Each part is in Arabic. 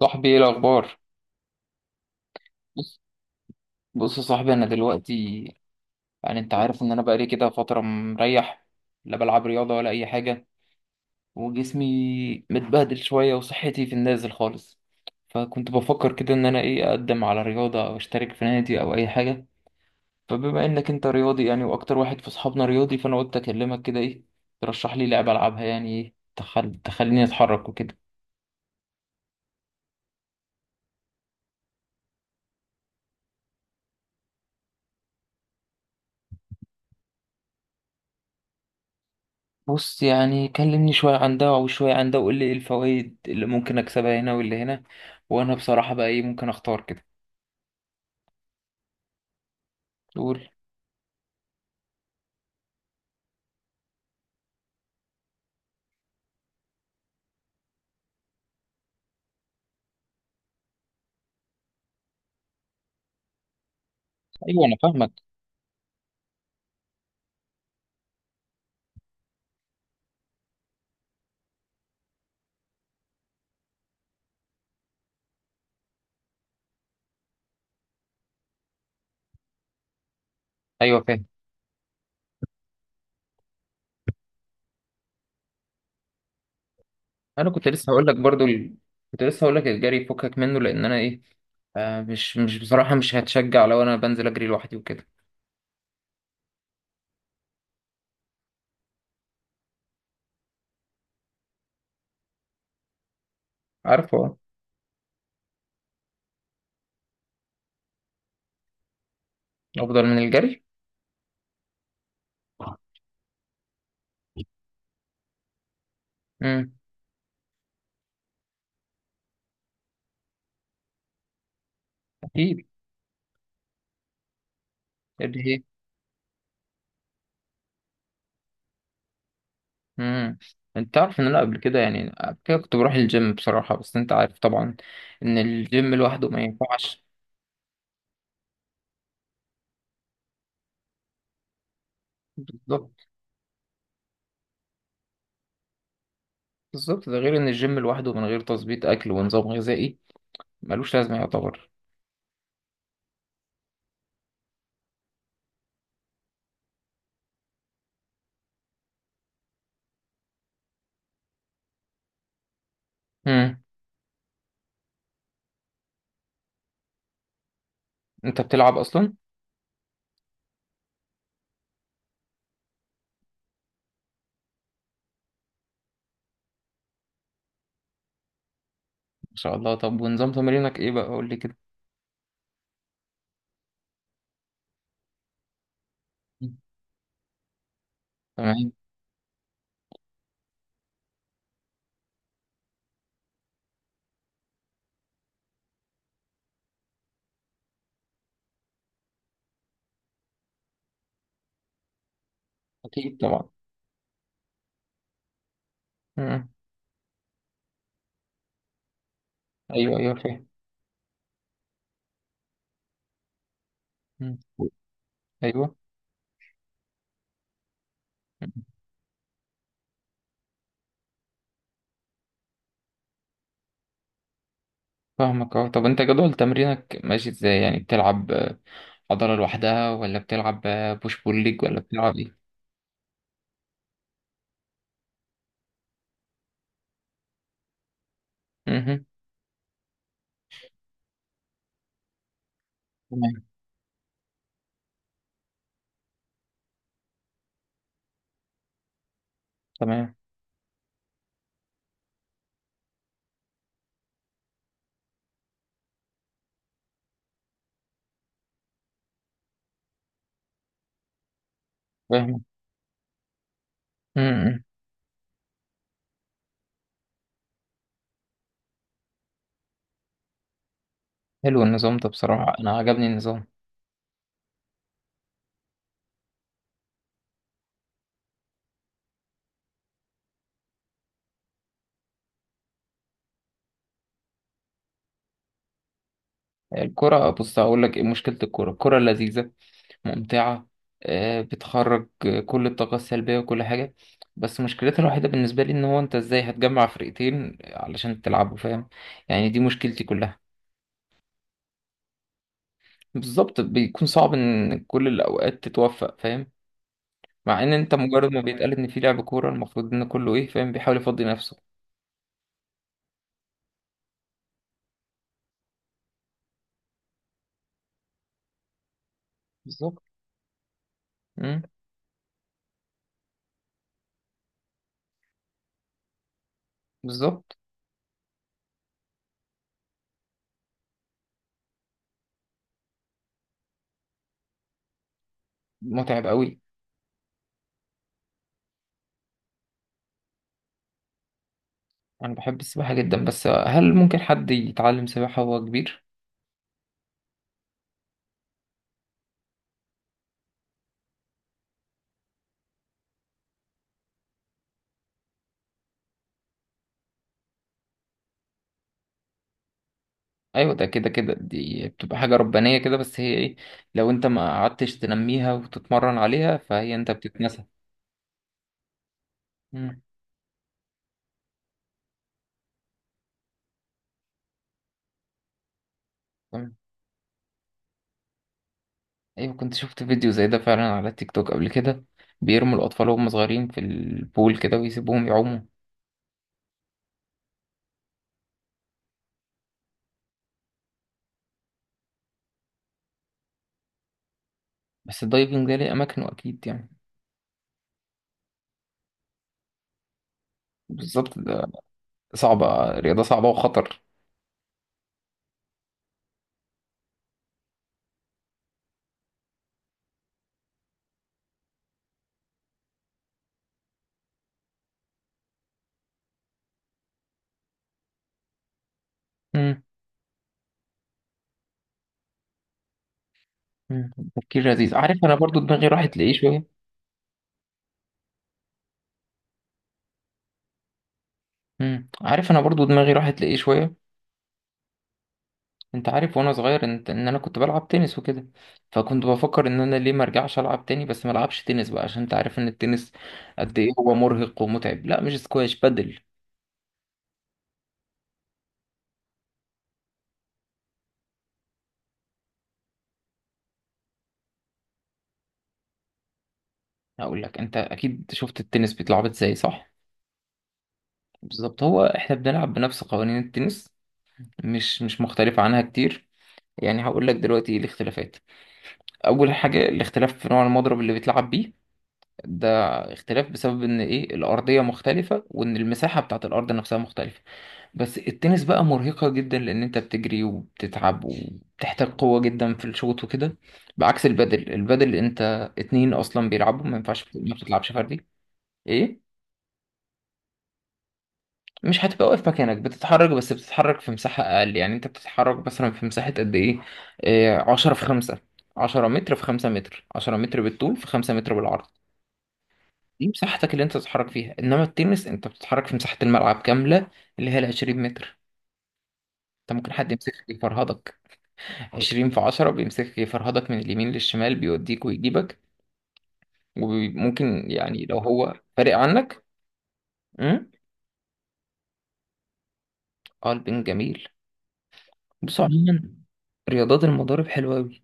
صاحبي ايه الاخبار؟ بص بص يا صاحبي، انا دلوقتي يعني انت عارف ان انا بقالي كده فتره مريح، لا بلعب رياضه ولا اي حاجه، وجسمي متبهدل شويه وصحتي في النازل خالص. فكنت بفكر كده ان انا ايه، اقدم على رياضه او اشترك في نادي او اي حاجه. فبما انك انت رياضي يعني واكتر واحد في اصحابنا رياضي، فانا قلت اكلمك كده ايه، ترشح لي لعبه العبها، يعني ايه تخليني اتحرك وكده. بص، يعني كلمني شوية عن ده وشوية عن ده، وقول لي ايه الفوائد اللي ممكن اكسبها هنا واللي هنا، وانا بصراحة بقى ايه، ممكن اختار كده. تقول. ايوه انا فاهمك. ايوه فاهم. انا كنت لسه هقول لك برضو كنت لسه هقول لك الجري فكك منه، لان انا ايه، آه مش بصراحة مش هتشجع لو انا بنزل اجري لوحدي وكده. عارفه، آه. افضل من الجري؟ امم اكيد. اللي هي. امم انت تعرف ان انا قبل كده، يعني قبل كده كنت بروح الجيم بصراحة، بس انت عارف طبعا ان الجيم لوحده ما ينفعش. بالظبط. بالظبط، ده غير ان الجيم لوحده من غير تظبيط اكل ونظام غذائي ملوش لازمه يعتبر. امم انت بتلعب اصلا، ما شاء الله. طب ونظام تمرينك ايه بقى؟ قول لي كده. مم. تمام. اكيد طبعا. امم ايوه ايوه فاهم. مم. ايوه. مم. فاهمك، اه. طب انت جدول تمرينك ماشي ازاي؟ يعني بتلعب عضله لوحدها، ولا بتلعب بوش بول ليج، ولا بتلعب ايه؟ مهم. تمام. تمام. فاهم. مم. حلو النظام ده بصراحه، انا عجبني النظام. الكرة، بص هقول لك ايه مشكلة الكرة. الكرة لذيذة، ممتعة، بتخرج كل الطاقة السلبية وكل حاجة. بس مشكلتها الوحيدة بالنسبة لي إن هو أنت إزاي هتجمع فرقتين علشان تلعبوا، فاهم؟ يعني دي مشكلتي كلها. بالظبط، بيكون صعب إن كل الأوقات تتوفق، فاهم؟ مع إن أنت مجرد ما بيتقال إن في لعب كورة، المفروض إن كله إيه، فاهم، بيحاول يفضي نفسه. بالظبط. مم، بالظبط. متعب قوي. أنا بحب السباحة جدا، بس هل ممكن حد يتعلم سباحة وهو كبير؟ ايوه، ده كده دي بتبقى حاجه ربانيه كده، بس هي ايه، لو انت ما قعدتش تنميها وتتمرن عليها، فهي انت بتتنسى. مم، تمام. ايوه، كنت شفت فيديو زي ده فعلا على تيك توك قبل كده، بيرموا الاطفال وهم صغيرين في البول كده ويسيبوهم يعوموا. بس الدايفنج ده ليه اماكنه اكيد يعني. بالظبط ده. صعبه، رياضه صعبه وخطر. مم. مم، تفكير لذيذ عارف انا برضو دماغي راحت لايه شويه مم، عارف، انا برضو دماغي راحت لايه شويه. انت عارف وانا صغير، انت ان انا كنت بلعب تنس وكده، فكنت بفكر ان انا ليه ما ارجعش العب تاني، بس ما العبش تنس بقى عشان انت عارف ان التنس قد ايه هو مرهق ومتعب. لا مش سكواش، بدل. هقول لك، انت اكيد شفت التنس بيتلعب ازاي، صح؟ بالظبط. هو احنا بنلعب بنفس قوانين التنس، مش مختلفة عنها كتير. يعني هقول لك دلوقتي ايه الاختلافات. اول حاجة، الاختلاف في نوع المضرب اللي بيتلعب بيه ده، اختلاف بسبب ان ايه الارضيه مختلفه، وان المساحه بتاعت الارض نفسها مختلفه. بس التنس بقى مرهقه جدا، لان انت بتجري وبتتعب وبتحتاج قوه جدا في الشوط وكده، بعكس البادل. البادل انت اتنين اصلا بيلعبوا، ما ينفعش ما بتلعبش فردي. ايه. مش هتبقى واقف مكانك، بتتحرك، بس بتتحرك في مساحه اقل. يعني انت بتتحرك مثلا في مساحه قد ايه، إيه، 10 في 5، 10 متر في 5 متر. 10 متر بالطول في 5 متر بالعرض. دي مساحتك اللي انت تتحرك فيها، انما التنس انت بتتحرك في مساحة الملعب كاملة، اللي هي ال 20 متر. انت ممكن حد يمسكك يفرهدك. 20 في 10، بيمسكك يفرهدك من اليمين للشمال، بيوديك ويجيبك. وممكن يعني لو هو فارق عنك. امم اه، البنج جميل. بص عموما، رياضات المضارب حلوة أوي.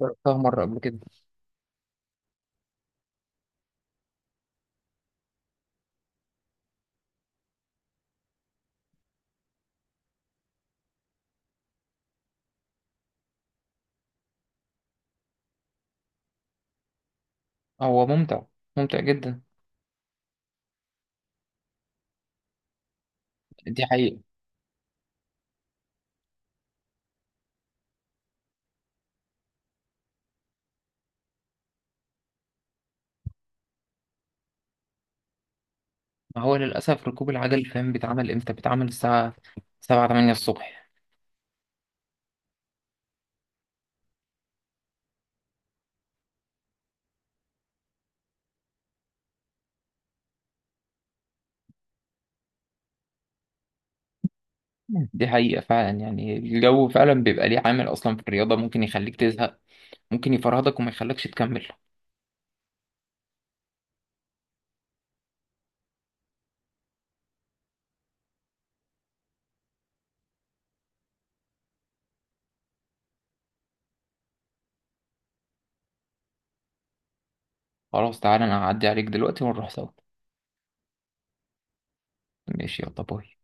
جربتها مرة قبل كده. هو ممتع، ممتع جدا. دي حقيقة. ما هو للأسف ركوب العجل، فاهم، بيتعمل امتى؟ بيتعمل الساعة 7 8 الصبح. دي حقيقة فعلا، يعني الجو فعلا بيبقى ليه عامل أصلا في الرياضة، ممكن يخليك تزهق، ممكن يفرهدك وما يخليكش تكمل. خلاص، تعالى أنا هعدي عليك دلوقتي ونروح سوا. ماشي، يلا باي.